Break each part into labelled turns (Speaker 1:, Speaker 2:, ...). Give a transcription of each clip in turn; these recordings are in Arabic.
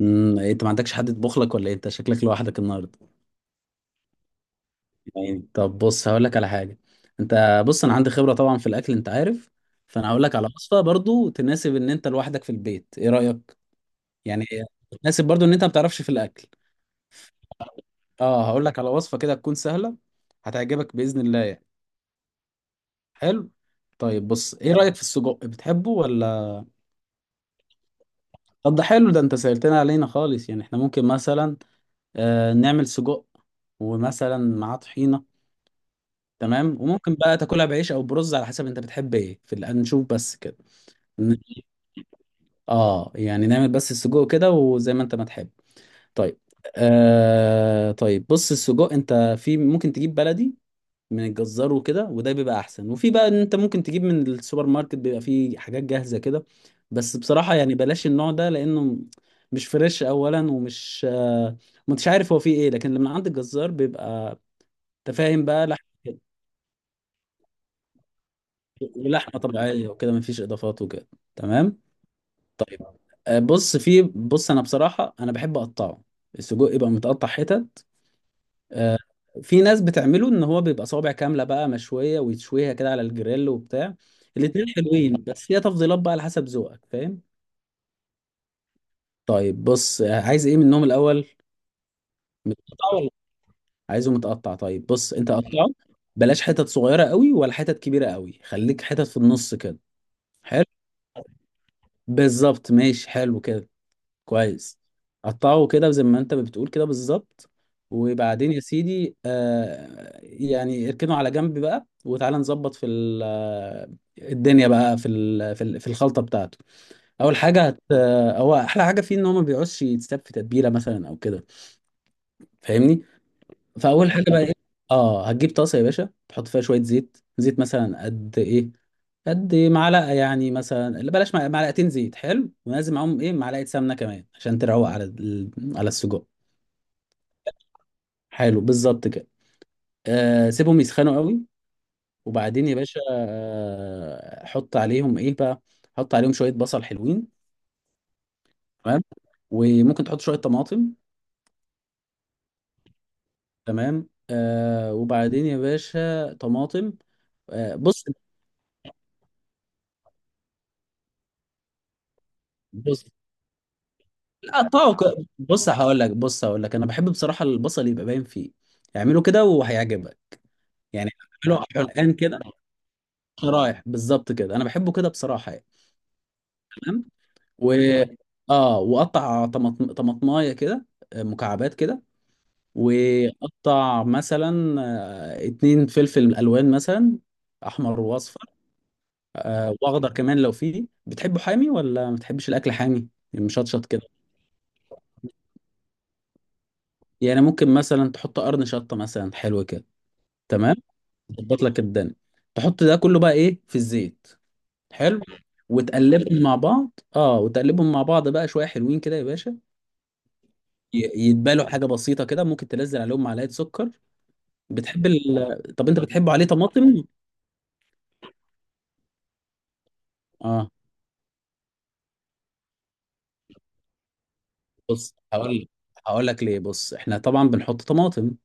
Speaker 1: إيه، انت ما عندكش حد يطبخ لك ولا إيه؟ انت شكلك لوحدك النهارده. يعني طب بص، هقول لك على حاجه. انت بص، انا عندي خبره طبعا في الاكل انت عارف. فانا هقول لك على وصفه برضو تناسب ان انت لوحدك في البيت، ايه رايك؟ يعني تناسب برضو ان انت ما بتعرفش في الاكل. اه، هقول لك على وصفه كده تكون سهله، هتعجبك باذن الله يعني. حلو. طيب بص، ايه رايك في السجق، بتحبه ولا؟ طب ده حلو، ده انت سهلتنا علينا خالص يعني. احنا ممكن مثلا نعمل سجق، ومثلا معاه طحينه. تمام. وممكن بقى تاكلها بعيش او برز على حسب انت بتحب ايه في الآن، نشوف بس كده. ن- اه يعني نعمل بس السجق كده، وزي ما انت ما تحب. طيب. طيب بص، السجق انت في ممكن تجيب بلدي من الجزار وكده، وده بيبقى احسن. وفي بقى ان انت ممكن تجيب من السوبر ماركت، بيبقى فيه حاجات جاهزة كده. بس بصراحة يعني بلاش النوع ده، لانه مش فريش اولا، ومش مش عارف هو فيه ايه. لكن لما عند الجزار بيبقى تفاهم بقى لحم، ولحمه طبيعيه وكده، مفيش اضافات وكده. تمام. طيب بص انا بصراحه انا بحب اقطعه. السجق يبقى متقطع حتت. آه، في ناس بتعمله ان هو بيبقى صوابع كامله بقى مشويه، ويتشويها كده على الجريل وبتاع. الاتنين حلوين، بس هي تفضيلات بقى على حسب ذوقك، فاهم. طيب بص، عايز ايه منهم الاول؟ متقطع ولا؟ عايزه متقطع. طيب بص انت قطعه، بلاش حتت صغيره قوي، ولا حتت كبيره قوي، خليك حتت في النص كده. حلو، بالظبط، ماشي، حلو كده، كويس. قطعه كده زي ما انت بتقول كده بالظبط. وبعدين يا سيدي يعني اركنه على جنب بقى، وتعالى نظبط في الدنيا بقى في في الخلطه بتاعته. اول حاجه هت آه، هو احلى حاجه فيه ان هو ما بيقعدش يتساب في تتبيله مثلا او كده، فاهمني. فاول حاجه بقى ايه؟ اه، هتجيب طاسه يا باشا، تحط فيها شويه زيت، زيت مثلا قد ايه؟ قد معلقه. يعني مثلا، لا بلاش، معلقتين زيت. حلو، ولازم معاهم ايه؟ معلقه سمنه كمان عشان تروق على على السجق. حلو، بالظبط كده. سيبهم يسخنوا قوي. وبعدين يا باشا حط عليهم ايه بقى؟ حط عليهم شويه بصل، حلوين. تمام. وممكن تحط شويه طماطم. تمام. وبعدين يا باشا طماطم. بص، بص لا طاقة، بص هقول لك، انا بحب بصراحه البصل يبقى باين فيه. اعمله كده وهيعجبك يعني. اعمله الان كده، شرايح، بالظبط كده، انا بحبه كده بصراحه يعني. تمام و اه واقطع طماطمايه كده، مكعبات كده. واقطع مثلا 2 فلفل الوان مثلا، احمر واصفر. واخضر كمان لو فيه. بتحبه حامي ولا ما بتحبش الاكل حامي؟ يعني مشطشط كده. يعني ممكن مثلا تحط قرن شطه مثلا، حلو كده. تمام، تظبط لك الدنيا. تحط ده كله بقى ايه في الزيت. حلو، وتقلبهم مع بعض بقى شويه، حلوين كده يا باشا. يتبالوا حاجه بسيطه كده، ممكن تنزل عليهم معلقه سكر. بتحب طب انت بتحبه عليه طماطم. اه، بص هقول لك ليه. بص احنا طبعا بنحط طماطم،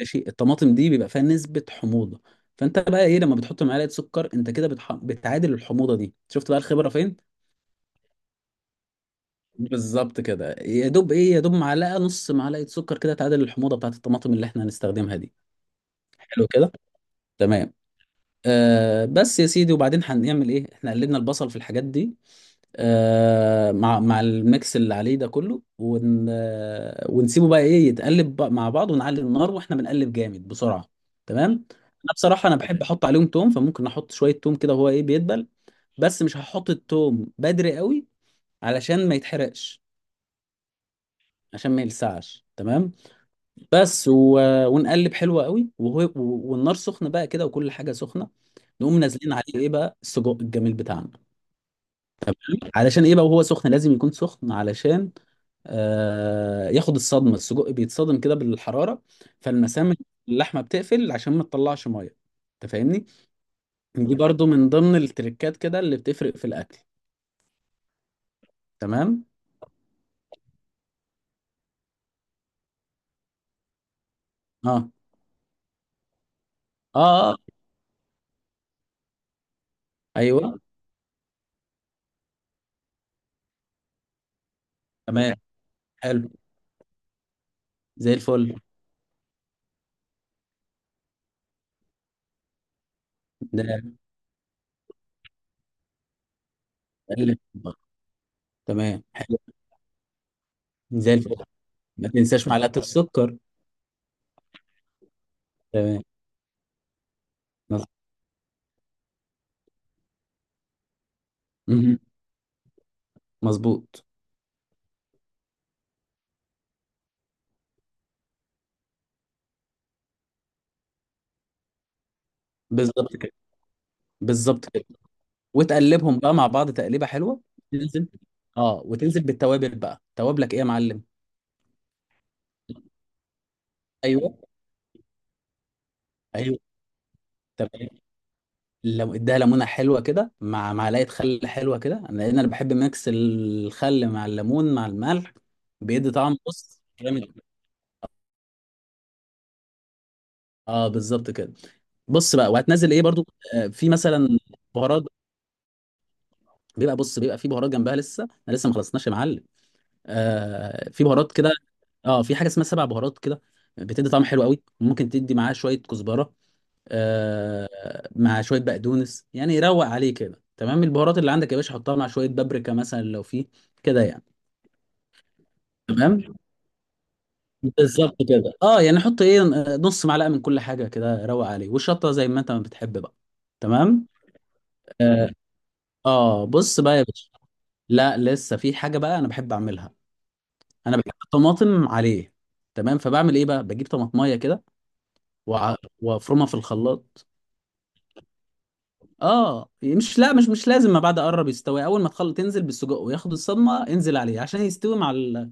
Speaker 1: ماشي. الطماطم دي بيبقى فيها نسبه حموضه، فانت بقى ايه لما بتحط معلقه سكر، انت كده بتعادل الحموضه دي. شفت بقى الخبره فين. بالظبط كده. يا دوب ايه، يا دوب معلقه، نص معلقه سكر كده تعادل الحموضه بتاعت الطماطم اللي احنا هنستخدمها دي. حلو كده. تمام. بس يا سيدي، وبعدين هنعمل ايه؟ احنا قلبنا البصل في الحاجات دي، مع الميكس اللي عليه ده كله، ون آه، ونسيبه بقى ايه يتقلب بقى مع بعض، ونعلي النار واحنا بنقلب جامد بسرعه. تمام. انا بصراحه انا بحب احط عليهم توم، فممكن احط شويه توم كده، وهو ايه بيدبل. بس مش هحط التوم بدري قوي علشان ما يتحرقش، عشان ما يلسعش. تمام. بس ونقلب حلو قوي، وهو والنار سخنه بقى كده، وكل حاجه سخنه. نقوم نازلين عليه ايه بقى؟ السجق الجميل بتاعنا. علشان ايه بقى؟ وهو سخن، لازم يكون سخن علشان ياخد الصدمه. السجق بيتصدم كده بالحراره، فالمسام اللحمه بتقفل عشان ما تطلعش ميه. انت فاهمني. دي برضو من ضمن التريكات كده اللي بتفرق في الاكل. تمام. اه. اه. آه. ايوه، تمام، حلو، زي الفل. ده اللي تمام، حلو زي الفل. ما تنساش معلقه السكر. تمام، مظبوط. مهم. مظبوط. بالظبط كده، بالظبط كده. وتقلبهم بقى مع بعض تقليبه حلوه. تنزل اه وتنزل بالتوابل بقى. توابلك ايه يا معلم؟ ايوه، ايوه، تمام. لو اديها ليمونه حلوه كده مع معلقه خل حلوه كده، لان انا بحب ميكس الخل مع الليمون مع الملح، بيدي طعم بص جامد. اه، بالظبط كده. بص بقى، وهتنزل ايه برضو؟ في مثلا بهارات. بيبقى في بهارات جنبها. لسه، انا لسه ما خلصناش يا معلم. في بهارات كده، اه، في حاجه اسمها سبع بهارات كده، بتدي طعم حلو قوي. ممكن تدي معاه شويه كزبره، مع شويه بقدونس، يعني يروق عليه كده. تمام. البهارات اللي عندك يا باشا حطها مع شويه بابريكا مثلا لو في، كده يعني. تمام، بالظبط كده. اه، يعني حط ايه، نص معلقه من كل حاجه كده، روق عليه، والشطه زي ما انت ما بتحب بقى. تمام. اه بص بقى يا باشا، لا لسه في حاجه بقى انا بحب اعملها. انا بحب الطماطم عليه. تمام. فبعمل ايه بقى؟ بجيب طماطميه كده وع- وافرمها في الخلاط. اه يعني، مش لا مش لازم. ما بعد قرب يستوي، اول ما تخلط تنزل بالسجق وياخد الصدمه. انزل عليه عشان يستوي مع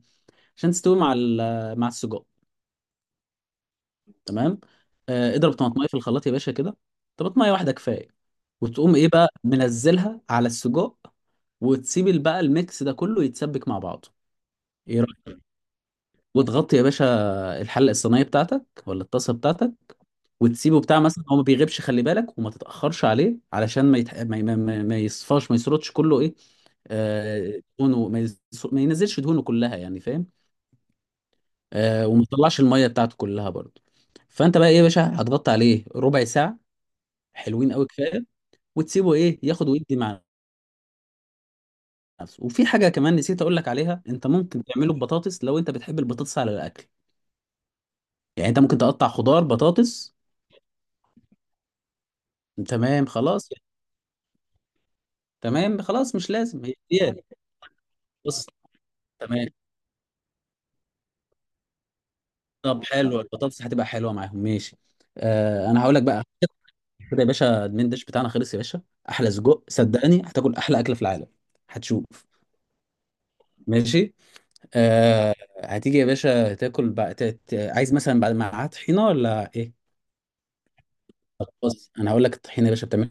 Speaker 1: عشان تستوي مع مع السجق. تمام. اضرب طماطميه في الخلاط يا باشا كده. طماطميه واحده كفايه. وتقوم ايه بقى منزلها على السجق، وتسيب بقى الميكس ده كله يتسبك مع بعضه. ايه رايك؟ وتغطي يا باشا الحله الصينيه بتاعتك ولا الطاسه بتاعتك، وتسيبه بتاع مثلا. هو ما بيغيبش، خلي بالك، وما تتاخرش عليه، علشان ما يتح... ما, ي- ما, ما ما يصفاش، ما يسرطش كله. ايه، دهونه، ما ينزلش دهونه كلها يعني، فاهم. وما يطلعش الميه بتاعته كلها برضه. فانت بقى ايه يا باشا؟ هتغطي عليه ربع ساعه، حلوين قوي، كفايه. وتسيبه ايه ياخد ويدي مع نفسه. وفي حاجه كمان نسيت اقول لك عليها، انت ممكن تعمله ببطاطس لو انت بتحب البطاطس على الاكل. يعني انت ممكن تقطع خضار بطاطس. تمام، خلاص. تمام، خلاص، مش لازم هي. بص، تمام. طب حلو، البطاطس هتبقى حلوه معاهم. ماشي. انا هقول لك بقى كده يا باشا، المين ديش بتاعنا خلص يا باشا. احلى سجق، صدقني هتاكل احلى اكله في العالم، هتشوف. ماشي. آه هتيجي يا باشا تاكل بقى، عايز مثلا بعد معاها طحينه ولا ايه؟ طب بص انا هقول لك الطحينه يا باشا بتعمل،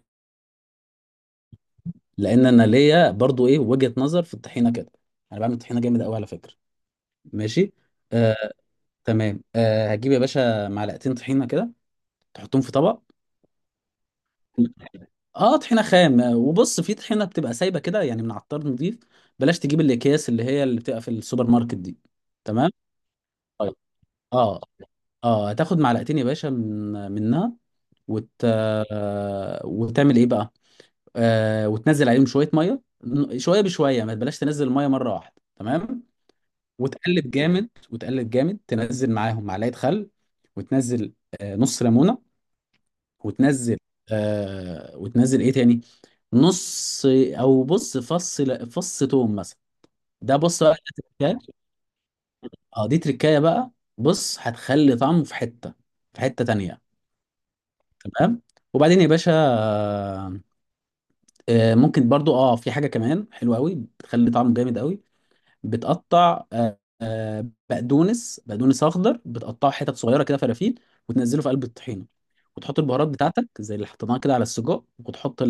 Speaker 1: لان انا ليا برضو ايه وجهه نظر في الطحينه كده. انا بعمل طحينه جامد قوي على فكره. ماشي. آه تمام. هتجيب يا باشا معلقتين طحينه كده، تحطهم في طبق. اه، طحينه خام. وبص، في طحينه بتبقى سايبه كده يعني من عطار نضيف، بلاش تجيب الاكياس اللي بتبقى في السوبر ماركت دي. تمام. طيب. اه اه هتاخد معلقتين يا باشا منها، وت... آه، وتعمل ايه بقى؟ وتنزل عليهم شويه ميه، شويه بشويه، ما بلاش تنزل الميه مره واحده. تمام. وتقلب جامد، وتقلب جامد، تنزل معاهم معلقه خل، وتنزل نص ليمونه. وتنزل وتنزل ايه تاني؟ نص، او بص، فص توم مثلا. ده بص بقى، ده تركاية. اه، دي تركاية بقى. بص هتخلي طعمه في حتة في حتة تانية. تمام. وبعدين يا باشا ممكن برضو في حاجة كمان حلوة قوي بتخلي طعمه جامد قوي. بتقطع بقدونس، اخضر، بتقطعه حتت صغيرة كده، فرافيل، وتنزله في قلب الطحينة. وتحط البهارات بتاعتك زي اللي حطيناها كده على السجق. وتحط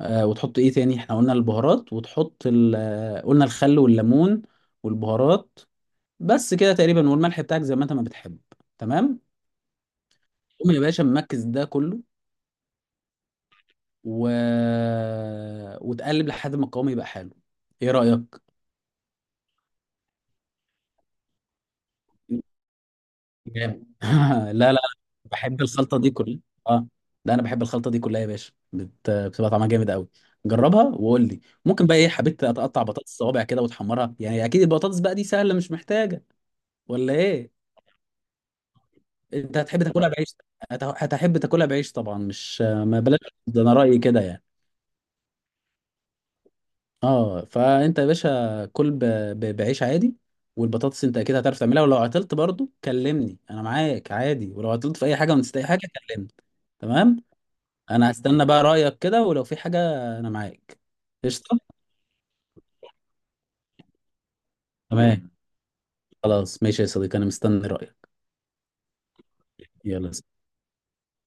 Speaker 1: وتحط ايه تاني؟ احنا قلنا البهارات، وتحط قلنا الخل والليمون والبهارات، بس كده تقريبا. والملح بتاعك زي ما انت ما بتحب. تمام. قوم يا باشا مركز ده كله و... آه، وتقلب لحد ما القوام يبقى حلو. ايه رأيك؟ جامد لا، لا، بحب الخلطة دي كلها. اه، ده انا بحب الخلطة دي كلها يا باشا، بت... آه، بتبقى طعمها جامد قوي. جربها وقول لي. ممكن بقى ايه، حبيت اتقطع بطاطس صوابع كده وتحمرها، يعني اكيد البطاطس بقى دي سهلة مش محتاجة ولا ايه. انت هتحب تاكلها بعيش؟ هتحب تاكلها بعيش طبعا، مش ما بلاش، ده انا رايي كده يعني. اه، فانت يا باشا كل بعيش عادي. والبطاطس انت اكيد هتعرف تعملها، ولو عطلت برضو كلمني انا معاك عادي، ولو عطلت في اي حاجه ونسيت اي حاجه كلمني. تمام. انا هستنى بقى رايك كده، ولو في حاجه انا معاك. قشطه. تمام، خلاص، ماشي يا صديقي، انا مستني رايك. يلا